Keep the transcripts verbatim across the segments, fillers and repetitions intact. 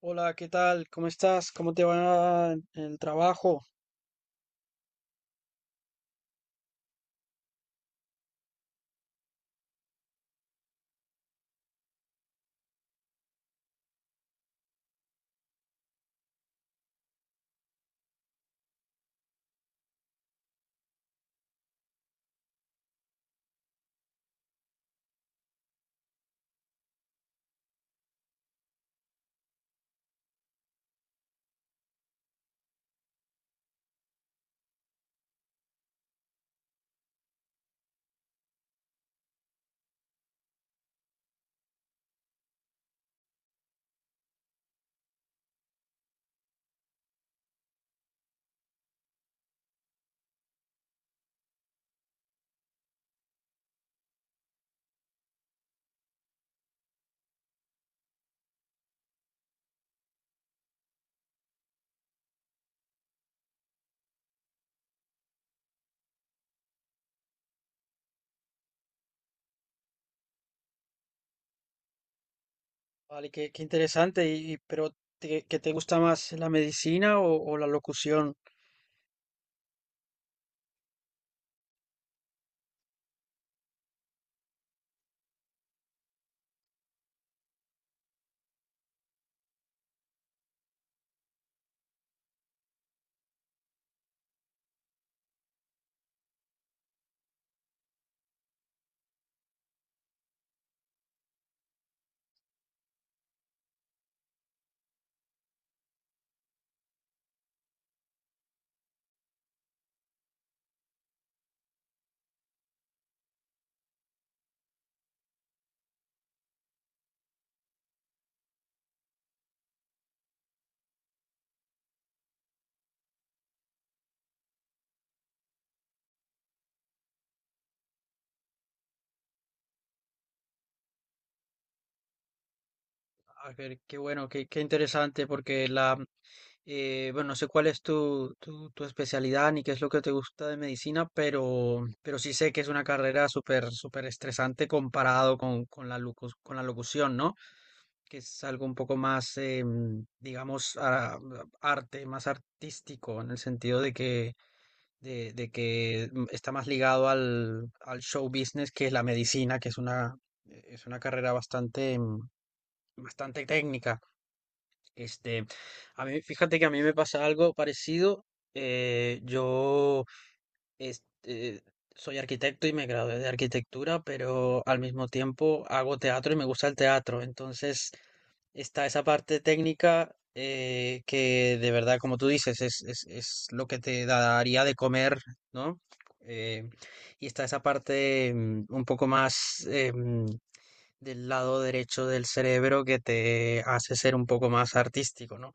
Hola, ¿qué tal? ¿Cómo estás? ¿Cómo te va en el trabajo? Vale, qué, qué interesante. Y, y- pero te- ¿qué te gusta más, la medicina o, o la locución? A ver, qué bueno, qué, qué interesante, porque la, eh, bueno, no sé cuál es tu, tu, tu especialidad ni qué es lo que te gusta de medicina, pero, pero sí sé que es una carrera súper, súper estresante comparado con, con la locus- con la locución, ¿no? Que es algo un poco más, em, digamos, a- arte, más artístico, en el sentido de que, de, de que mm, está más ligado al, al show business que es la medicina, que es una, es una carrera bastante, em, bastante técnica. Este, a mí, fíjate que a mí me pasa algo parecido. Eh, yo este, soy arquitecto y me gradué de arquitectura, pero al mismo tiempo hago teatro y me gusta el teatro. Entonces, está esa parte técnica eh, que de verdad, como tú dices, es, es, es lo que te daría de comer, ¿no? Eh, y está esa parte mm, un poco más eh, mm, del lado derecho del cerebro que te hace ser un poco más artístico, ¿no?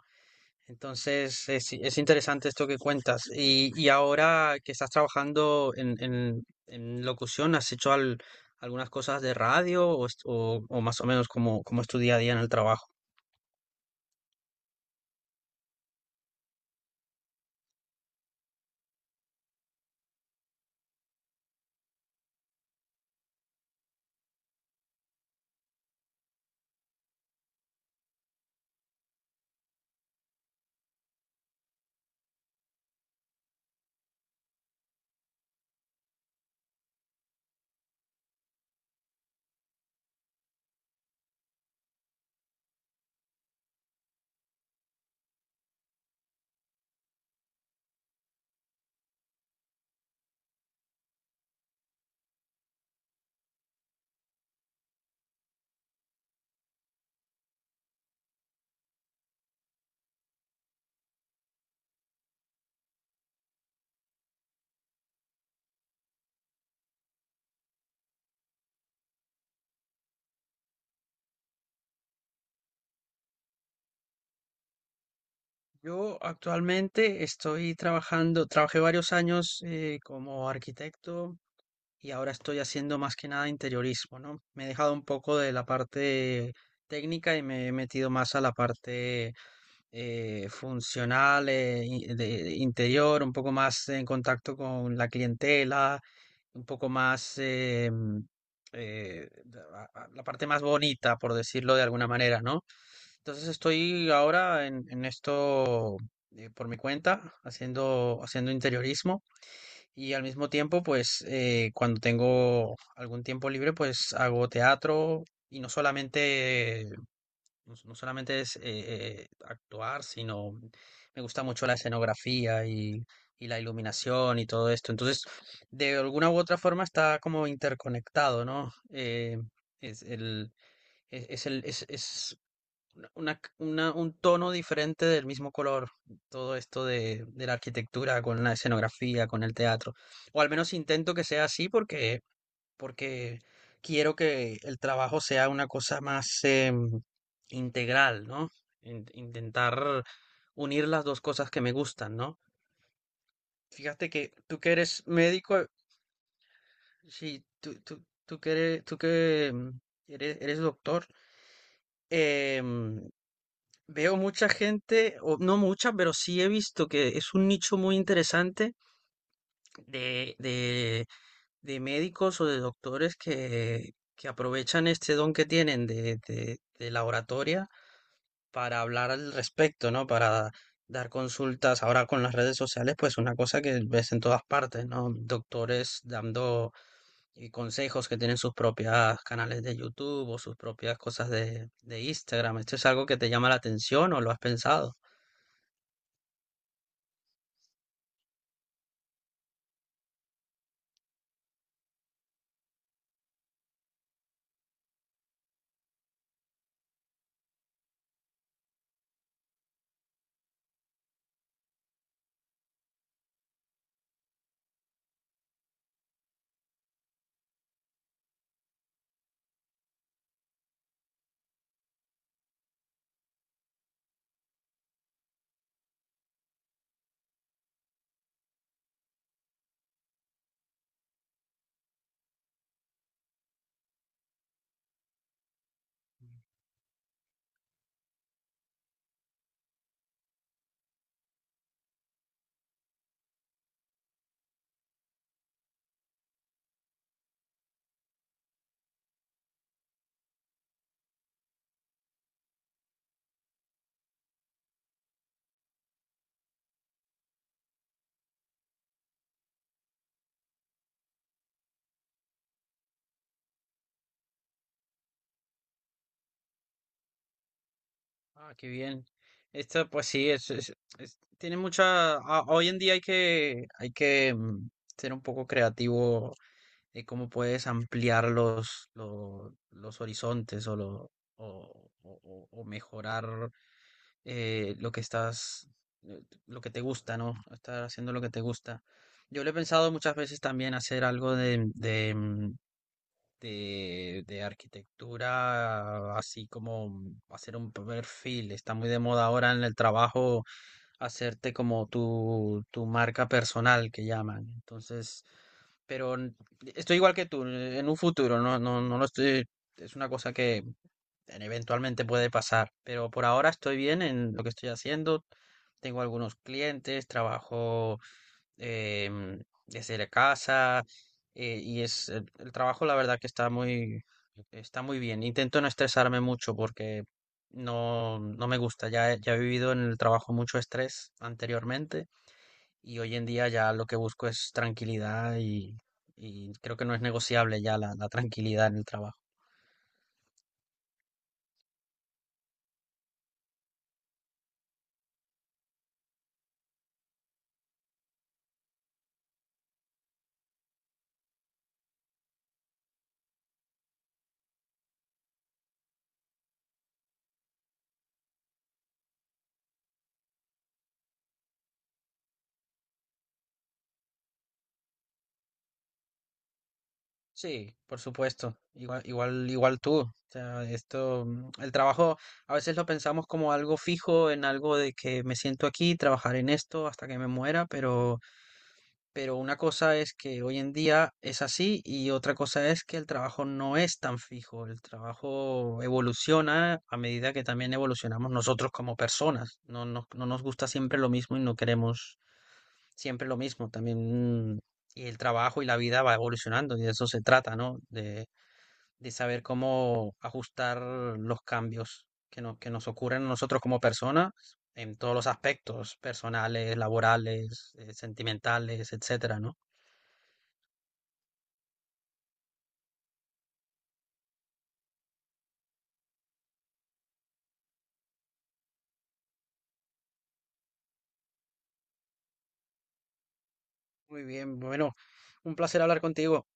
Entonces es, es interesante esto que cuentas. Y, y ahora que estás trabajando en, en- en locución, ¿has hecho al- algunas cosas de radio o, est- o- o más o menos como, como es tu día a día en el trabajo? Yo actualmente estoy trabajando, trabajé varios años eh, como arquitecto y ahora estoy haciendo más que nada interiorismo, ¿no? Me he dejado un poco de la parte técnica y me he metido más a la parte eh, funcional, eh, in- de de interior, un poco más en contacto con la clientela, un poco más eh, mm, eh, a- a- la parte más bonita, por decirlo de alguna manera, ¿no? Entonces estoy ahora en, en esto eh, por mi cuenta, haciendo, haciendo interiorismo y al mismo tiempo, pues eh, cuando tengo algún tiempo libre, pues hago teatro y no solamente, no, no solamente es eh, eh, actuar, sino me gusta mucho la escenografía y, y la iluminación y todo esto. Entonces, de alguna u otra forma está como interconectado, ¿no? Eh, es el, es, es el, es, es una, una c- una- un tono diferente del mismo color, todo esto de, de la arquitectura con la escenografía, con el teatro. O al menos intento que sea así porque, porque quiero que el trabajo sea una cosa más em, integral, ¿no? In- intentar unir las dos cosas que me gustan, ¿no? Fíjate que tú que eres médico, sí, tú, tú, tú que eres, tú que em, eres, eres doctor, em, veo mucha gente, o no mucha, pero sí he visto que es un nicho muy interesante de, de, de médicos o de doctores que, que aprovechan este don que tienen de, de, de la oratoria para hablar al respecto, ¿no? Para dar consultas. Ahora con las redes sociales, pues una cosa que ves en todas partes, ¿no? Doctores dando eh, consejos, que tienen sus propias canales de YouTube o sus propias cosas de, de Instagram. ¿Esto es algo que te llama la atención o lo has pensado? Ah, qué bien. Esto, pues sí, es, es- es- tiene mucha. Ah, hoy en día hay que, hay que mm, ser un poco creativo de cómo puedes ampliar los, lo- los horizontes o, lo, o, o- o- o mejorar eh, lo que estás, eh, lo que te gusta, ¿no? Estar haciendo lo que te gusta. Yo lo he pensado muchas veces también hacer algo de, de, de arquitectura, así como hacer un perfil. Está muy de moda ahora en el trabajo hacerte como tu, tu marca personal que llaman. Entonces, pero n- estoy igual que tú, eh, en un futuro, no, no, no lo estoy, es una cosa que eventualmente puede pasar, pero por ahora estoy bien en lo que estoy haciendo. Tengo algunos clientes, trabajo em, desde la casa eh, y es el, el trabajo la verdad que está muy está muy bien. Intento no estresarme mucho porque no, no me gusta. Ya, he- ya he vivido en el trabajo mucho estrés anteriormente y hoy en día ya lo que busco es tranquilidad y, y creo que no es negociable ya la la tranquilidad en el trabajo. Sí, por supuesto. Igual, igual, igual tú. O sea, esto, mm, el trabajo a veces lo pensamos como algo fijo, en algo de que me siento aquí, trabajar en esto hasta que me muera, pero, pero una cosa es que hoy en día es así y otra cosa es que el trabajo no es tan fijo. El trabajo evoluciona a medida que también evolucionamos nosotros como personas. No, nos- no nos gusta siempre lo mismo y no queremos siempre lo mismo. También mm, y el trabajo y la vida va evolucionando y de eso se trata, ¿no? De, de saber cómo ajustar los cambios que, no- que nos ocurren a nosotros como personas en todos los aspectos, personales, laborales, eh, sentimentales, etcétera, ¿no? Muy bien, bueno, un placer hablar contigo.